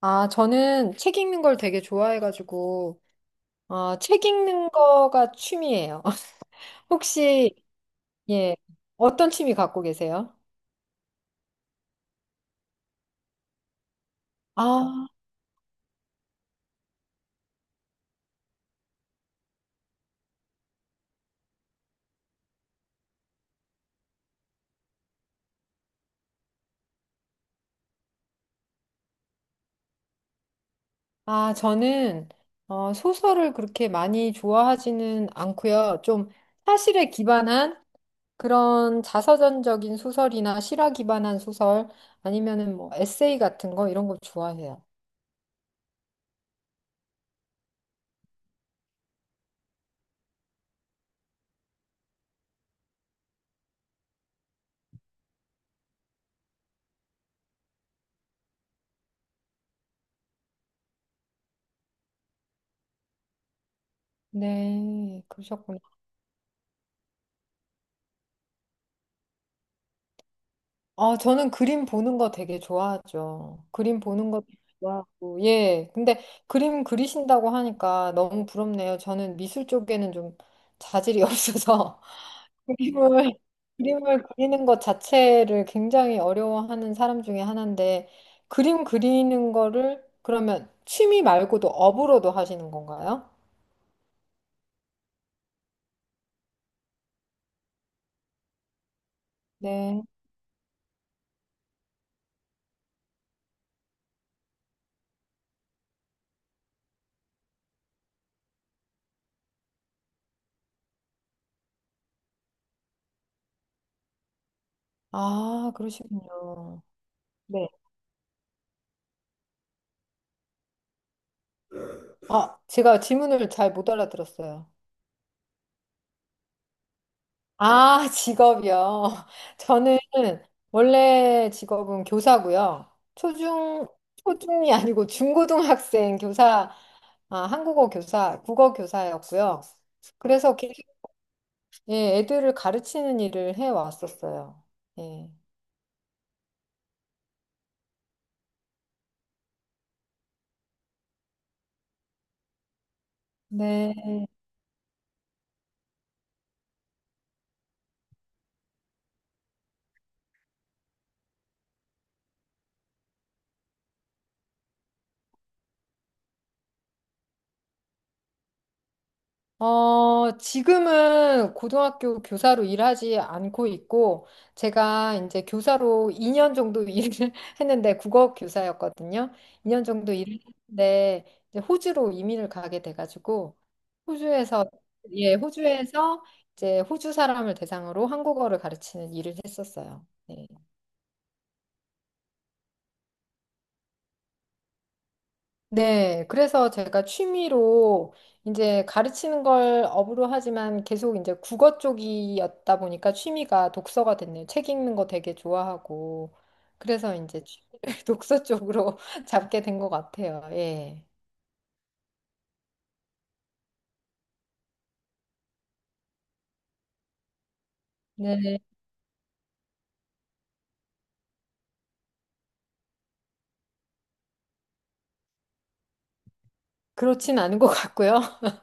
아, 저는 책 읽는 걸 되게 좋아해가지고, 어, 책 읽는 거가 취미예요. 혹시, 예, 어떤 취미 갖고 계세요? 아, 아, 저는, 어, 소설을 그렇게 많이 좋아하지는 않고요. 좀 사실에 기반한 그런 자서전적인 소설이나 실화 기반한 소설, 아니면은 뭐 에세이 같은 거, 이런 거 좋아해요. 네, 그러셨구나. 아, 저는 그림 보는 거 되게 좋아하죠. 그림 보는 것도 좋아하고, 예. 근데 그림 그리신다고 하니까 너무 부럽네요. 저는 미술 쪽에는 좀 자질이 없어서 그림을, 그림을 그리는 것 자체를 굉장히 어려워하는 사람 중에 하나인데, 그림 그리는 거를 그러면 취미 말고도 업으로도 하시는 건가요? 네. 아, 그러시군요. 네. 아, 제가 질문을 잘 못 알아들었어요. 아, 직업이요. 저는 원래 직업은 교사고요. 초중이 아니고 중고등학생 교사, 아, 한국어 교사, 국어 교사였고요. 그래서 계속, 예, 애들을 가르치는 일을 해왔었어요. 예. 네. 어, 지금은 고등학교 교사로 일하지 않고 있고, 제가 이제 교사로 2년 정도 일을 했는데, 국어 교사였거든요. 2년 정도 일을 했는데, 이제 호주로 이민을 가게 돼가지고, 호주에서, 예, 호주에서 이제 호주 사람을 대상으로 한국어를 가르치는 일을 했었어요. 네. 네, 그래서 제가 취미로 이제 가르치는 걸 업으로 하지만 계속 이제 국어 쪽이었다 보니까 취미가 독서가 됐네요. 책 읽는 거 되게 좋아하고. 그래서 이제 취미를 독서 쪽으로 잡게 된 것 같아요. 예. 네, 그렇진 않은 것 같고요.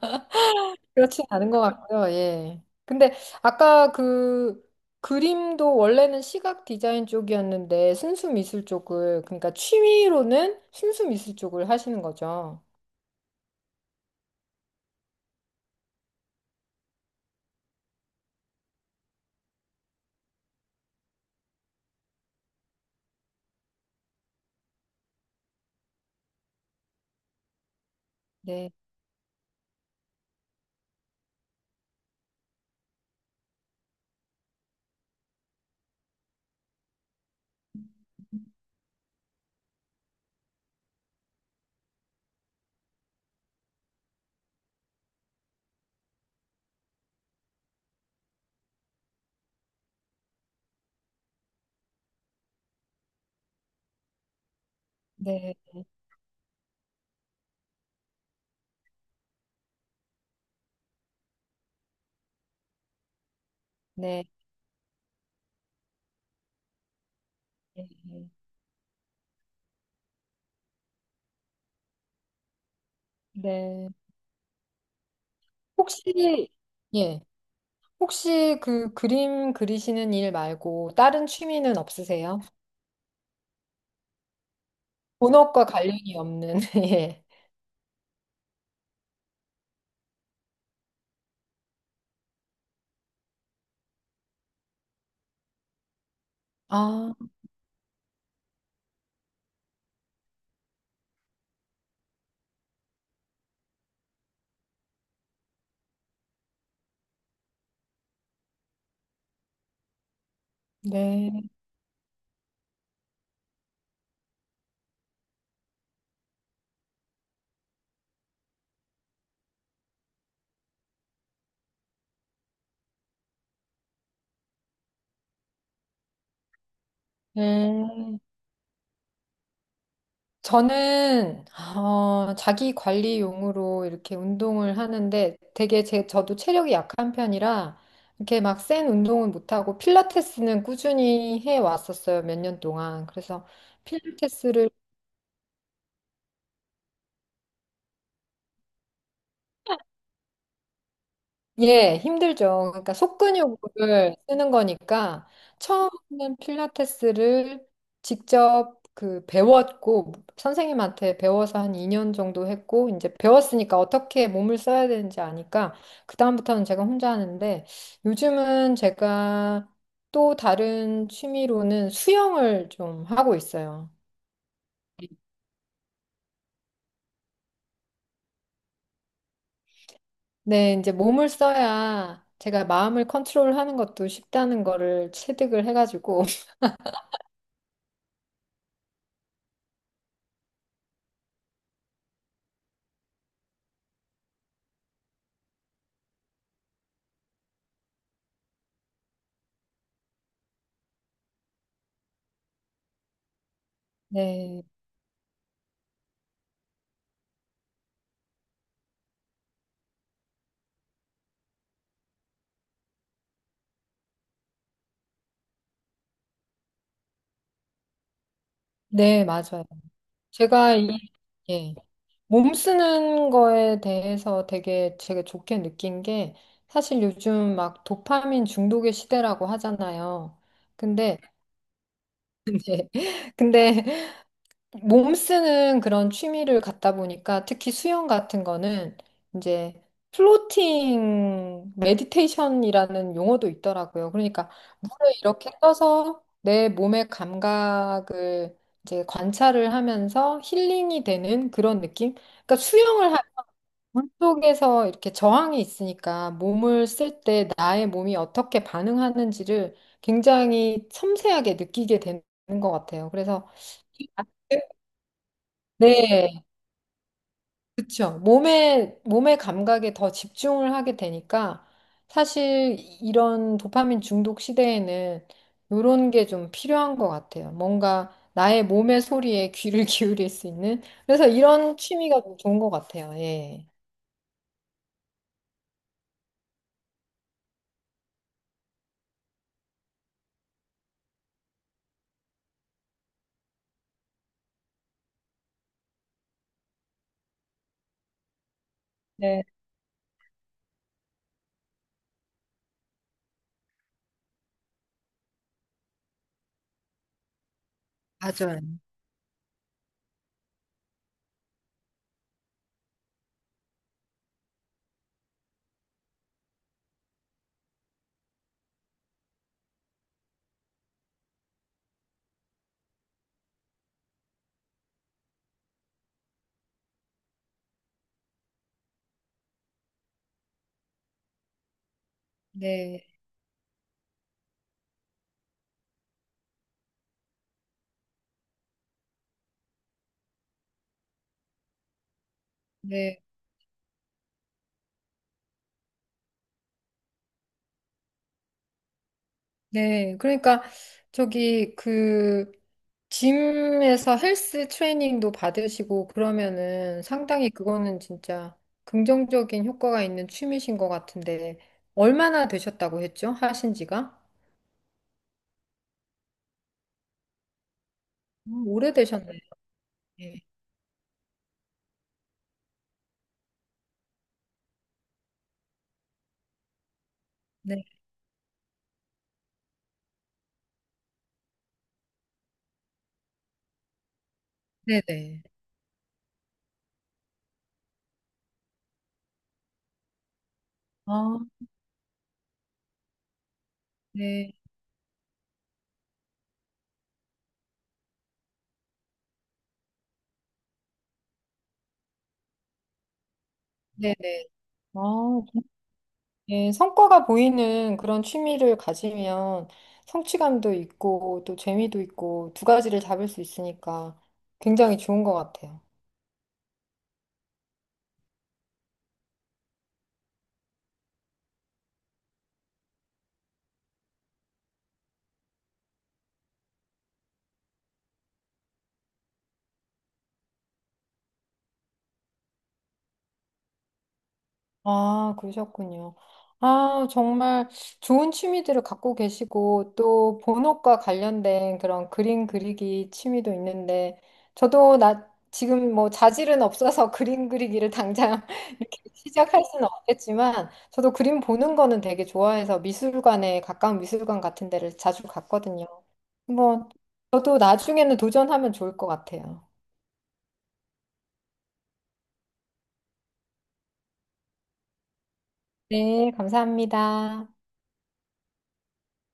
그렇진 않은 것 같고요. 예. 근데 아까 그 그림도 원래는 시각 디자인 쪽이었는데 순수 미술 쪽을, 그러니까 취미로는 순수 미술 쪽을 하시는 거죠. 네, 네, 네, 네. 네. 혹시, 예, 혹시 그 그림 그리시는 일 말고 다른 취미는 없으세요? 본업과 관련이 없는, 예. 아, 네. 음, 저는, 어, 자기 관리용으로 이렇게 운동을 하는데 되게 저도 체력이 약한 편이라 이렇게 막 센 운동은 못하고 필라테스는 꾸준히 해 왔었어요, 몇 년 동안. 그래서 필라테스를 예, 힘들죠. 그러니까 속근육을 쓰는 거니까 처음에는 필라테스를 직접 그 배웠고 선생님한테 배워서 한 2년 정도 했고 이제 배웠으니까 어떻게 몸을 써야 되는지 아니까 그다음부터는 제가 혼자 하는데 요즘은 제가 또 다른 취미로는 수영을 좀 하고 있어요. 네, 이제 몸을 써야 제가 마음을 컨트롤하는 것도 쉽다는 거를 체득을 해가지고 네. 네, 맞아요. 제가 이, 예, 몸 쓰는 거에 대해서 되게 제가 좋게 느낀 게 사실 요즘 막 도파민 중독의 시대라고 하잖아요. 근데, 예, 근데 몸 쓰는 그런 취미를 갖다 보니까 특히 수영 같은 거는 이제 플로팅 메디테이션이라는 용어도 있더라고요. 그러니까 물에 이렇게 떠서 내 몸의 감각을 이제 관찰을 하면서 힐링이 되는 그런 느낌? 그러니까 물 속에서 이렇게 저항이 있으니까 몸을 쓸 때 나의 몸이 어떻게 반응하는지를 굉장히 섬세하게 느끼게 되는 것 같아요. 그래서 네, 그쵸. 몸의 감각에 더 집중을 하게 되니까 사실 이런 도파민 중독 시대에는 이런 게 좀 필요한 것 같아요. 뭔가 나의 몸의 소리에 귀를 기울일 수 있는. 그래서 이런 취미가 좀 좋은 것 같아요. 예. 네, 맞아요. 네, 네, 네. 그러니까 저기 그 짐에서 헬스 트레이닝도 받으시고 그러면은 상당히 그거는 진짜 긍정적인 효과가 있는 취미신 것 같은데 얼마나 되셨다고 했죠? 하신 지가? 오래되셨네. 네. 네. 네네. 아, 네. 네네. 아, 네. 성과가 보이는 그런 취미를 가지면 성취감도 있고 또 재미도 있고 두 가지를 잡을 수 있으니까 굉장히 좋은 것 같아요. 아, 그러셨군요. 아, 정말 좋은 취미들을 갖고 계시고, 또 본업과 관련된 그런 그림 그리기 취미도 있는데, 저도 나 지금 뭐 자질은 없어서 그림 그리기를 당장 이렇게 시작할 수는 없겠지만, 저도 그림 보는 거는 되게 좋아해서 미술관에 가까운 미술관 같은 데를 자주 갔거든요. 한번 저도 나중에는 도전하면 좋을 것 같아요. 네, 감사합니다.